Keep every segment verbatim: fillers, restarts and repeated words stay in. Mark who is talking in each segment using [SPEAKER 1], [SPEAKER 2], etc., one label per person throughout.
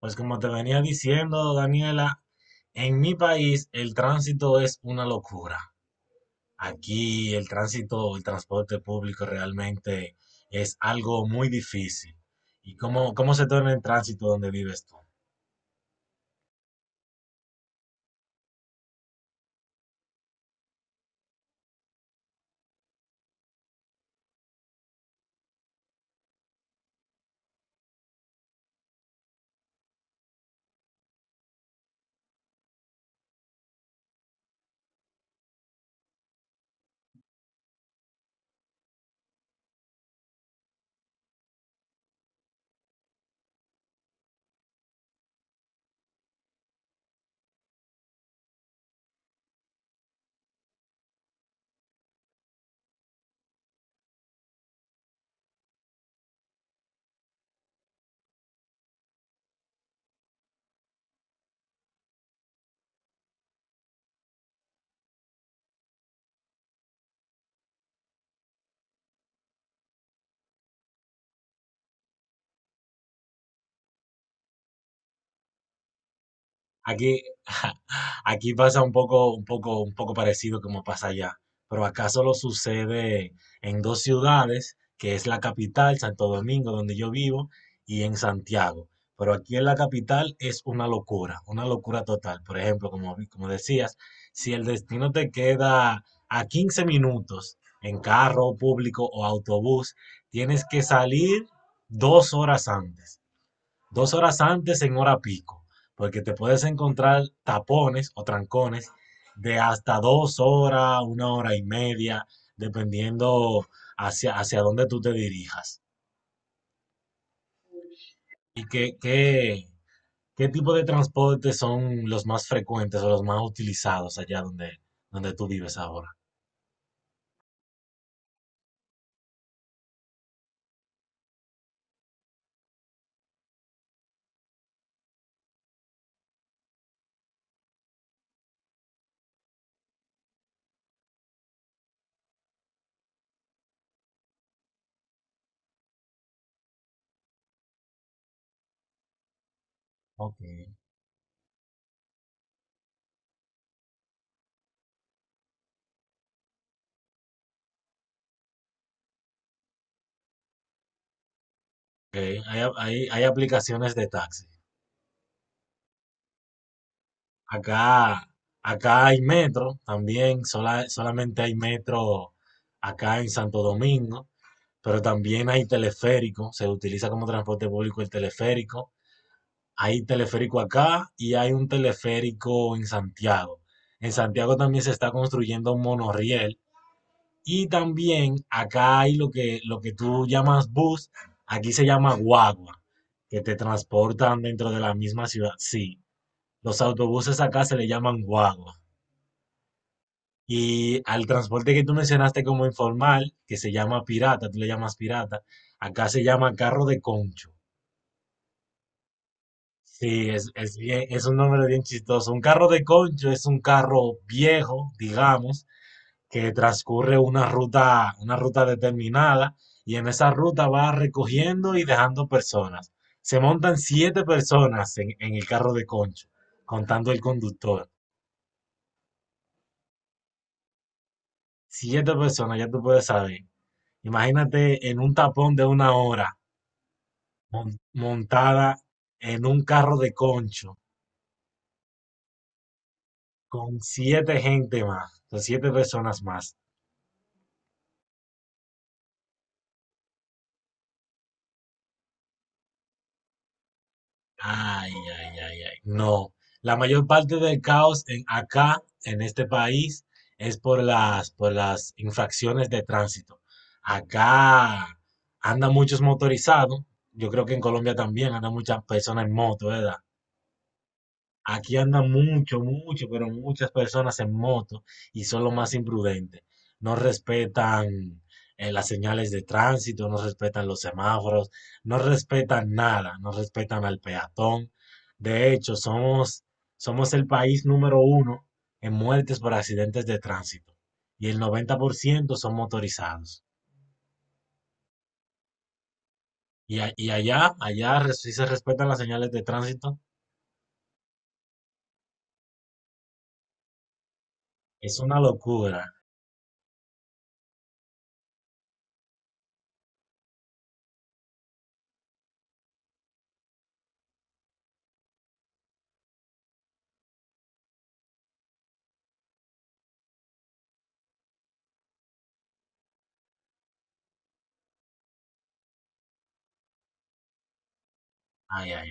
[SPEAKER 1] Pues como te venía diciendo, Daniela, en mi país el tránsito es una locura. Aquí el tránsito, el transporte público realmente es algo muy difícil. ¿Y cómo, cómo se torna el tránsito donde vives tú? Aquí, aquí pasa un poco, un poco, un poco parecido como pasa allá, pero acá solo sucede en dos ciudades, que es la capital, Santo Domingo, donde yo vivo, y en Santiago. Pero aquí en la capital es una locura, una locura total. Por ejemplo, como, vi- como decías, si el destino te queda a quince minutos en carro público o autobús, tienes que salir dos horas antes dos horas antes en hora pico, porque te puedes encontrar tapones o trancones de hasta dos horas, una hora y media, dependiendo hacia, hacia dónde tú te dirijas. ¿Y qué, qué, qué tipo de transporte son los más frecuentes o los más utilizados allá donde, donde tú vives ahora? Ok. Ok. Hay, hay- hay aplicaciones de taxi. Acá, acá hay metro también, sola- solamente hay metro acá en Santo Domingo. Pero también hay teleférico, se utiliza como transporte público el teleférico. Hay teleférico acá y hay un teleférico en Santiago. En Santiago también se está construyendo un monorriel, y también acá hay lo que, lo que tú llamas bus, aquí se llama guagua, que te transportan dentro de la misma ciudad. Sí, los autobuses acá se le llaman guagua. Y al transporte que tú mencionaste como informal, que se llama pirata, tú le llamas pirata, acá se llama carro de concho. Sí, es, es bien, es un nombre bien chistoso. Un carro de concho es un carro viejo, digamos, que transcurre una ruta, una ruta determinada, y en esa ruta va recogiendo y dejando personas. Se montan siete personas en, en el carro de concho, contando el conductor. Siete personas, ya tú puedes saber. Imagínate en un tapón de una hora mon- montada en un carro de concho con siete gente más, con siete personas más. Ay, ay, ay, ay. No. La mayor parte del caos en acá, en este país, es por las, por las infracciones de tránsito. Acá andan muchos motorizados. Yo creo que en Colombia también andan muchas personas en moto, ¿verdad? Aquí andan mucho, mucho, pero muchas personas en moto, y son lo más imprudentes. No respetan eh, las señales de tránsito, no respetan los semáforos, no respetan nada, no respetan al peatón. De hecho, somos, somos el país número uno en muertes por accidentes de tránsito, y el noventa por ciento son motorizados. Y, a- y allá, allá res- sí se respetan las señales de tránsito. Es una locura. Ay, ay.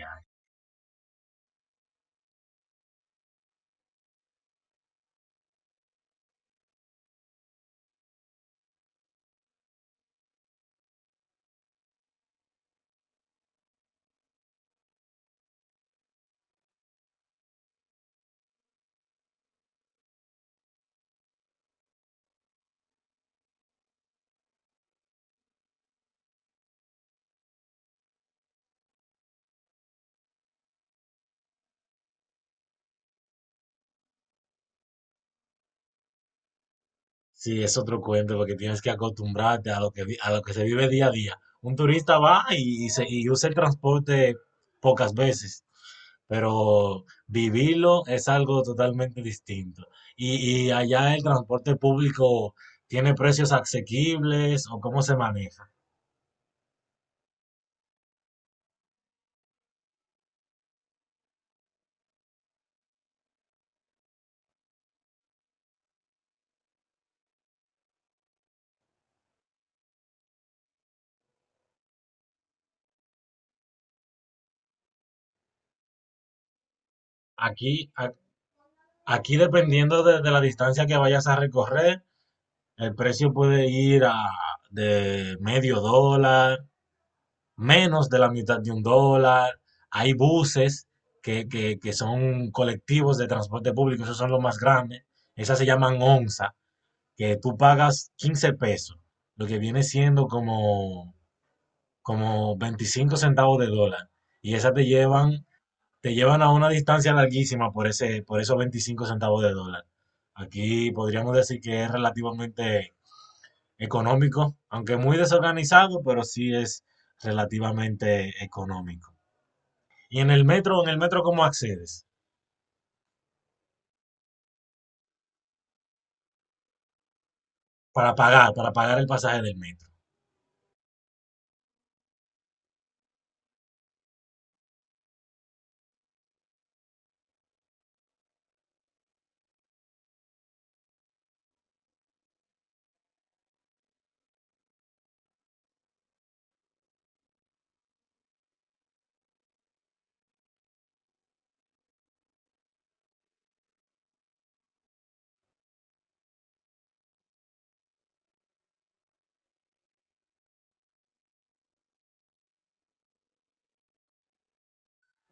[SPEAKER 1] Sí, es otro cuento, porque tienes que acostumbrarte a lo que, vi- a lo que se vive día a día. Un turista va y, y se, y usa el transporte pocas veces, pero vivirlo es algo totalmente distinto. Y, y allá el transporte público tiene precios asequibles, o cómo se maneja. Aquí, a- aquí dependiendo de, de la distancia que vayas a recorrer, el precio puede ir a de medio dólar menos de la mitad de un dólar. Hay buses que, que, que son colectivos de transporte público, esos son los más grandes. Esas se llaman onza, que tú pagas quince pesos, lo que viene siendo como, como veinticinco centavos de dólar. Y esas te llevan, te llevan a una distancia larguísima por ese, por esos veinticinco centavos de dólar. Aquí podríamos decir que es relativamente económico, aunque muy desorganizado, pero sí es relativamente económico. Y en el metro, en el metro, ¿cómo accedes? Para pagar, para pagar el pasaje del metro.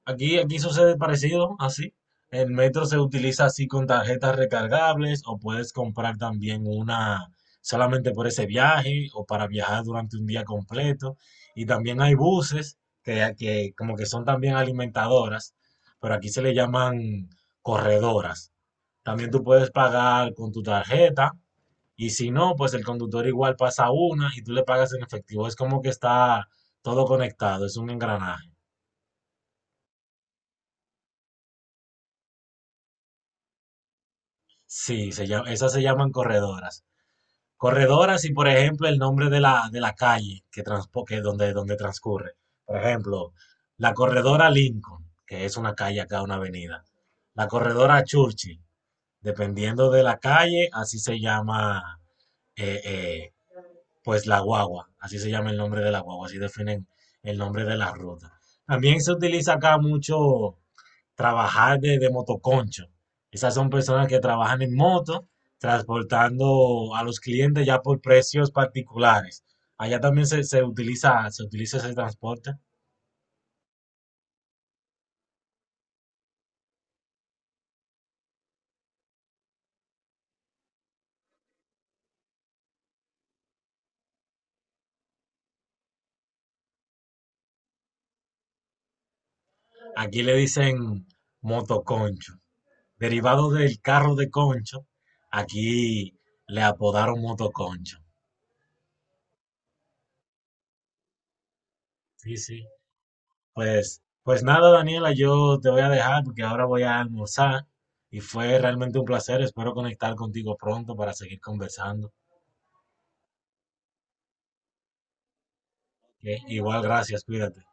[SPEAKER 1] Aquí, aquí sucede parecido, así. El metro se utiliza así con tarjetas recargables, o puedes comprar también una solamente por ese viaje o para viajar durante un día completo. Y también hay buses que, que como que son también alimentadoras, pero aquí se le llaman corredoras. También tú puedes pagar con tu tarjeta. Y si no, pues el conductor igual pasa una y tú le pagas en efectivo. Es como que está todo conectado, es un engranaje. Sí, se llama, esas se llaman corredoras. Corredoras y, por ejemplo, el nombre de la, de la calle que, transpo- que donde, donde transcurre. Por ejemplo, la corredora Lincoln, que es una calle acá, una avenida. La corredora Churchill, dependiendo de la calle, así se llama eh, eh, pues la guagua, así se llama el nombre de la guagua, así definen el nombre de la ruta. También se utiliza acá mucho trabajar de, de motoconcho. Esas son personas que trabajan en moto, transportando a los clientes ya por precios particulares. Allá también se, se utiliza, se utiliza ese transporte. Aquí le dicen motoconcho. Derivado del carro de concho, aquí le apodaron motoconcho. Sí, sí. Pues, pues nada, Daniela, yo te voy a dejar porque ahora voy a almorzar, y fue realmente un placer. Espero conectar contigo pronto para seguir conversando. ¿OK? Igual, gracias, cuídate.